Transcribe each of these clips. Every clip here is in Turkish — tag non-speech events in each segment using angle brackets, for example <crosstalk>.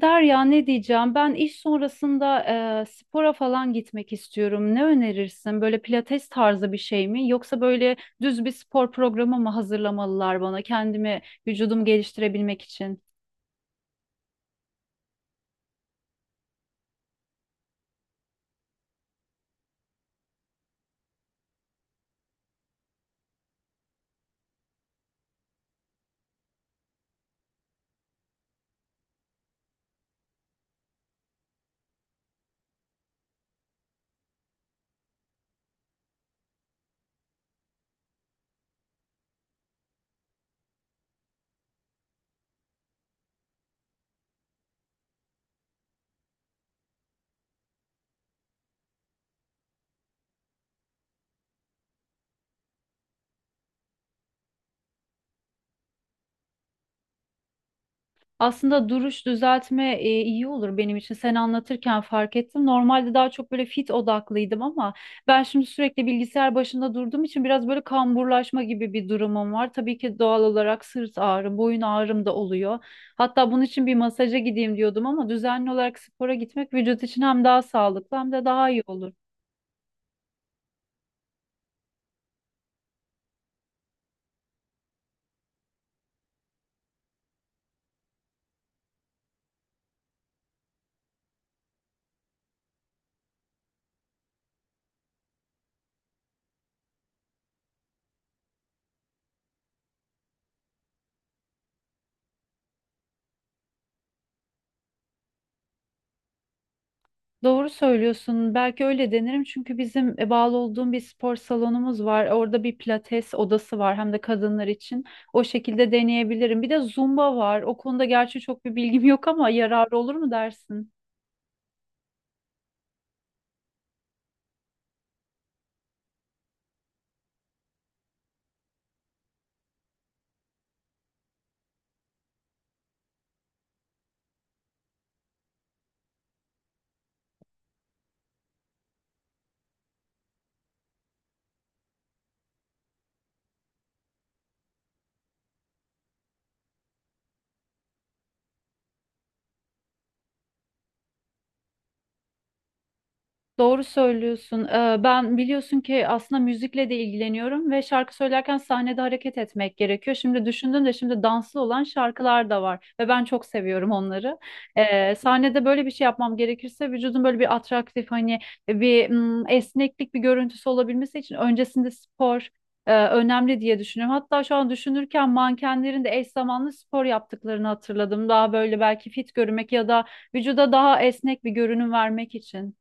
Derya ne diyeceğim? Ben iş sonrasında spora falan gitmek istiyorum. Ne önerirsin? Böyle pilates tarzı bir şey mi? Yoksa böyle düz bir spor programı mı hazırlamalılar bana kendimi, vücudumu geliştirebilmek için? Aslında duruş düzeltme iyi olur benim için. Sen anlatırken fark ettim. Normalde daha çok böyle fit odaklıydım ama ben şimdi sürekli bilgisayar başında durduğum için biraz böyle kamburlaşma gibi bir durumum var. Tabii ki doğal olarak sırt ağrım, boyun ağrım da oluyor. Hatta bunun için bir masaja gideyim diyordum ama düzenli olarak spora gitmek vücut için hem daha sağlıklı hem de daha iyi olur. Doğru söylüyorsun. Belki öyle denerim çünkü bizim bağlı olduğum bir spor salonumuz var. Orada bir pilates odası var hem de kadınlar için. O şekilde deneyebilirim. Bir de zumba var. O konuda gerçi çok bir bilgim yok ama yararlı olur mu dersin? Doğru söylüyorsun. Ben biliyorsun ki aslında müzikle de ilgileniyorum ve şarkı söylerken sahnede hareket etmek gerekiyor. Şimdi düşündüm de şimdi danslı olan şarkılar da var ve ben çok seviyorum onları. Sahnede böyle bir şey yapmam gerekirse vücudun böyle bir atraktif hani bir esneklik bir görüntüsü olabilmesi için öncesinde spor önemli diye düşünüyorum. Hatta şu an düşünürken mankenlerin de eş zamanlı spor yaptıklarını hatırladım. Daha böyle belki fit görünmek ya da vücuda daha esnek bir görünüm vermek için.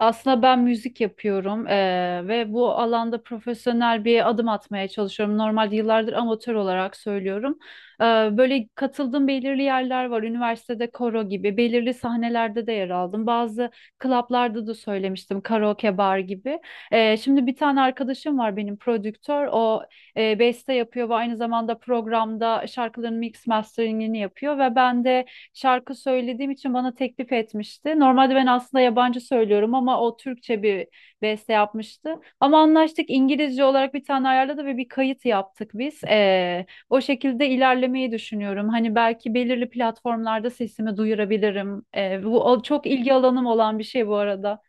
Aslında ben müzik yapıyorum ve bu alanda profesyonel bir adım atmaya çalışıyorum. Normalde yıllardır amatör olarak söylüyorum. Böyle katıldığım belirli yerler var. Üniversitede koro gibi, belirli sahnelerde de yer aldım. Bazı klaplarda da söylemiştim, karaoke bar gibi. Şimdi bir tane arkadaşım var benim prodüktör. O beste yapıyor ve aynı zamanda programda şarkıların mix masteringini yapıyor ve ben de şarkı söylediğim için bana teklif etmişti. Normalde ben aslında yabancı söylüyorum ama o Türkçe bir beste yapmıştı. Ama anlaştık İngilizce olarak bir tane ayarladı ve bir kayıt yaptık biz. O şekilde ilerlemeyi düşünüyorum. Hani belki belirli platformlarda sesimi duyurabilirim. Bu çok ilgi alanım olan bir şey bu arada.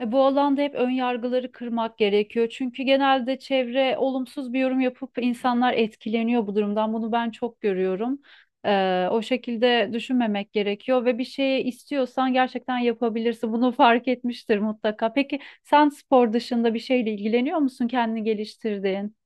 Bu alanda hep ön yargıları kırmak gerekiyor. Çünkü genelde çevre olumsuz bir yorum yapıp insanlar etkileniyor bu durumdan. Bunu ben çok görüyorum. O şekilde düşünmemek gerekiyor ve bir şeyi istiyorsan gerçekten yapabilirsin. Bunu <laughs> fark etmiştir mutlaka. Peki sen spor dışında bir şeyle ilgileniyor musun? Kendini geliştirdiğin?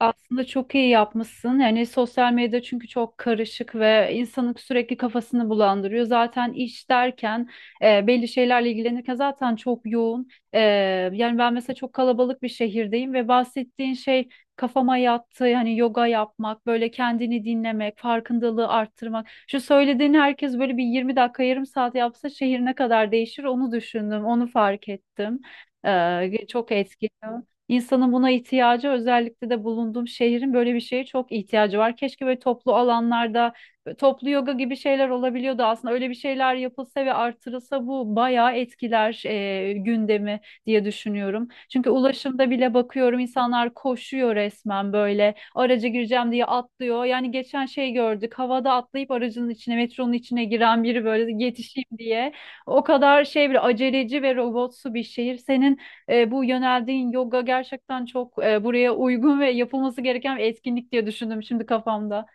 Aslında çok iyi yapmışsın. Yani sosyal medya çünkü çok karışık ve insanın sürekli kafasını bulandırıyor. Zaten iş derken belli şeylerle ilgilenirken zaten çok yoğun. Yani ben mesela çok kalabalık bir şehirdeyim ve bahsettiğin şey kafama yattı. Yani yoga yapmak, böyle kendini dinlemek, farkındalığı arttırmak. Şu söylediğin herkes böyle bir 20 dakika, yarım saat yapsa şehir ne kadar değişir onu düşündüm, onu fark ettim. Çok etkili. İnsanın buna ihtiyacı özellikle de bulunduğum şehrin böyle bir şeye çok ihtiyacı var. Keşke böyle toplu alanlarda böyle toplu yoga gibi şeyler olabiliyordu aslında. Öyle bir şeyler yapılsa ve artırılsa bu bayağı etkiler gündemi diye düşünüyorum. Çünkü ulaşımda bile bakıyorum insanlar koşuyor resmen böyle araca gireceğim diye atlıyor. Yani geçen şey gördük havada atlayıp aracın içine metronun içine giren biri böyle yetişeyim diye. O kadar şey bir aceleci ve robotsu bir şehir. Senin bu yöneldiğin yoga gerçekten çok buraya uygun ve yapılması gereken bir etkinlik diye düşündüm şimdi kafamda.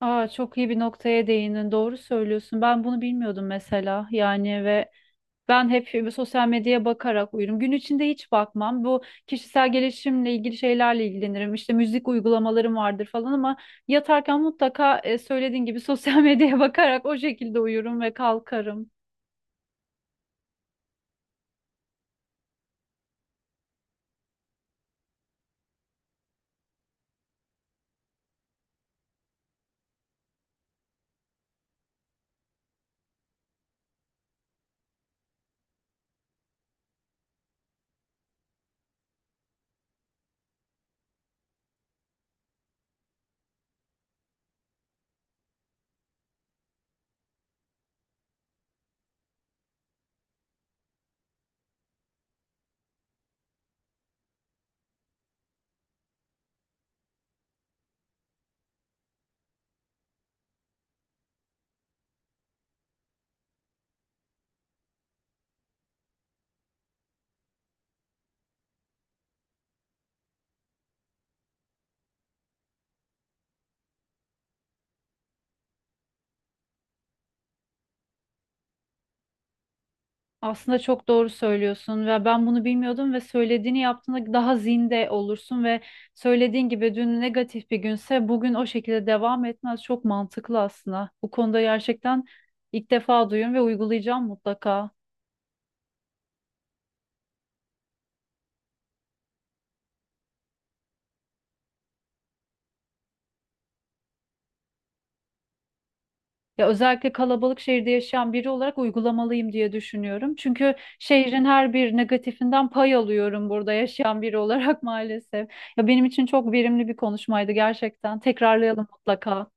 Aa, çok iyi bir noktaya değindin. Doğru söylüyorsun. Ben bunu bilmiyordum mesela. Yani ve ben hep sosyal medyaya bakarak uyurum. Gün içinde hiç bakmam. Bu kişisel gelişimle ilgili şeylerle ilgilenirim. İşte müzik uygulamalarım vardır falan ama yatarken mutlaka söylediğin gibi sosyal medyaya <laughs> bakarak o şekilde uyurum ve kalkarım. Aslında çok doğru söylüyorsun ve ben bunu bilmiyordum ve söylediğini yaptığında daha zinde olursun ve söylediğin gibi dün negatif bir günse bugün o şekilde devam etmez. Çok mantıklı aslında. Bu konuda gerçekten ilk defa duyuyorum ve uygulayacağım mutlaka. Ya özellikle kalabalık şehirde yaşayan biri olarak uygulamalıyım diye düşünüyorum. Çünkü şehrin her bir negatifinden pay alıyorum burada yaşayan biri olarak <laughs> maalesef. Ya benim için çok verimli bir konuşmaydı gerçekten. Tekrarlayalım mutlaka.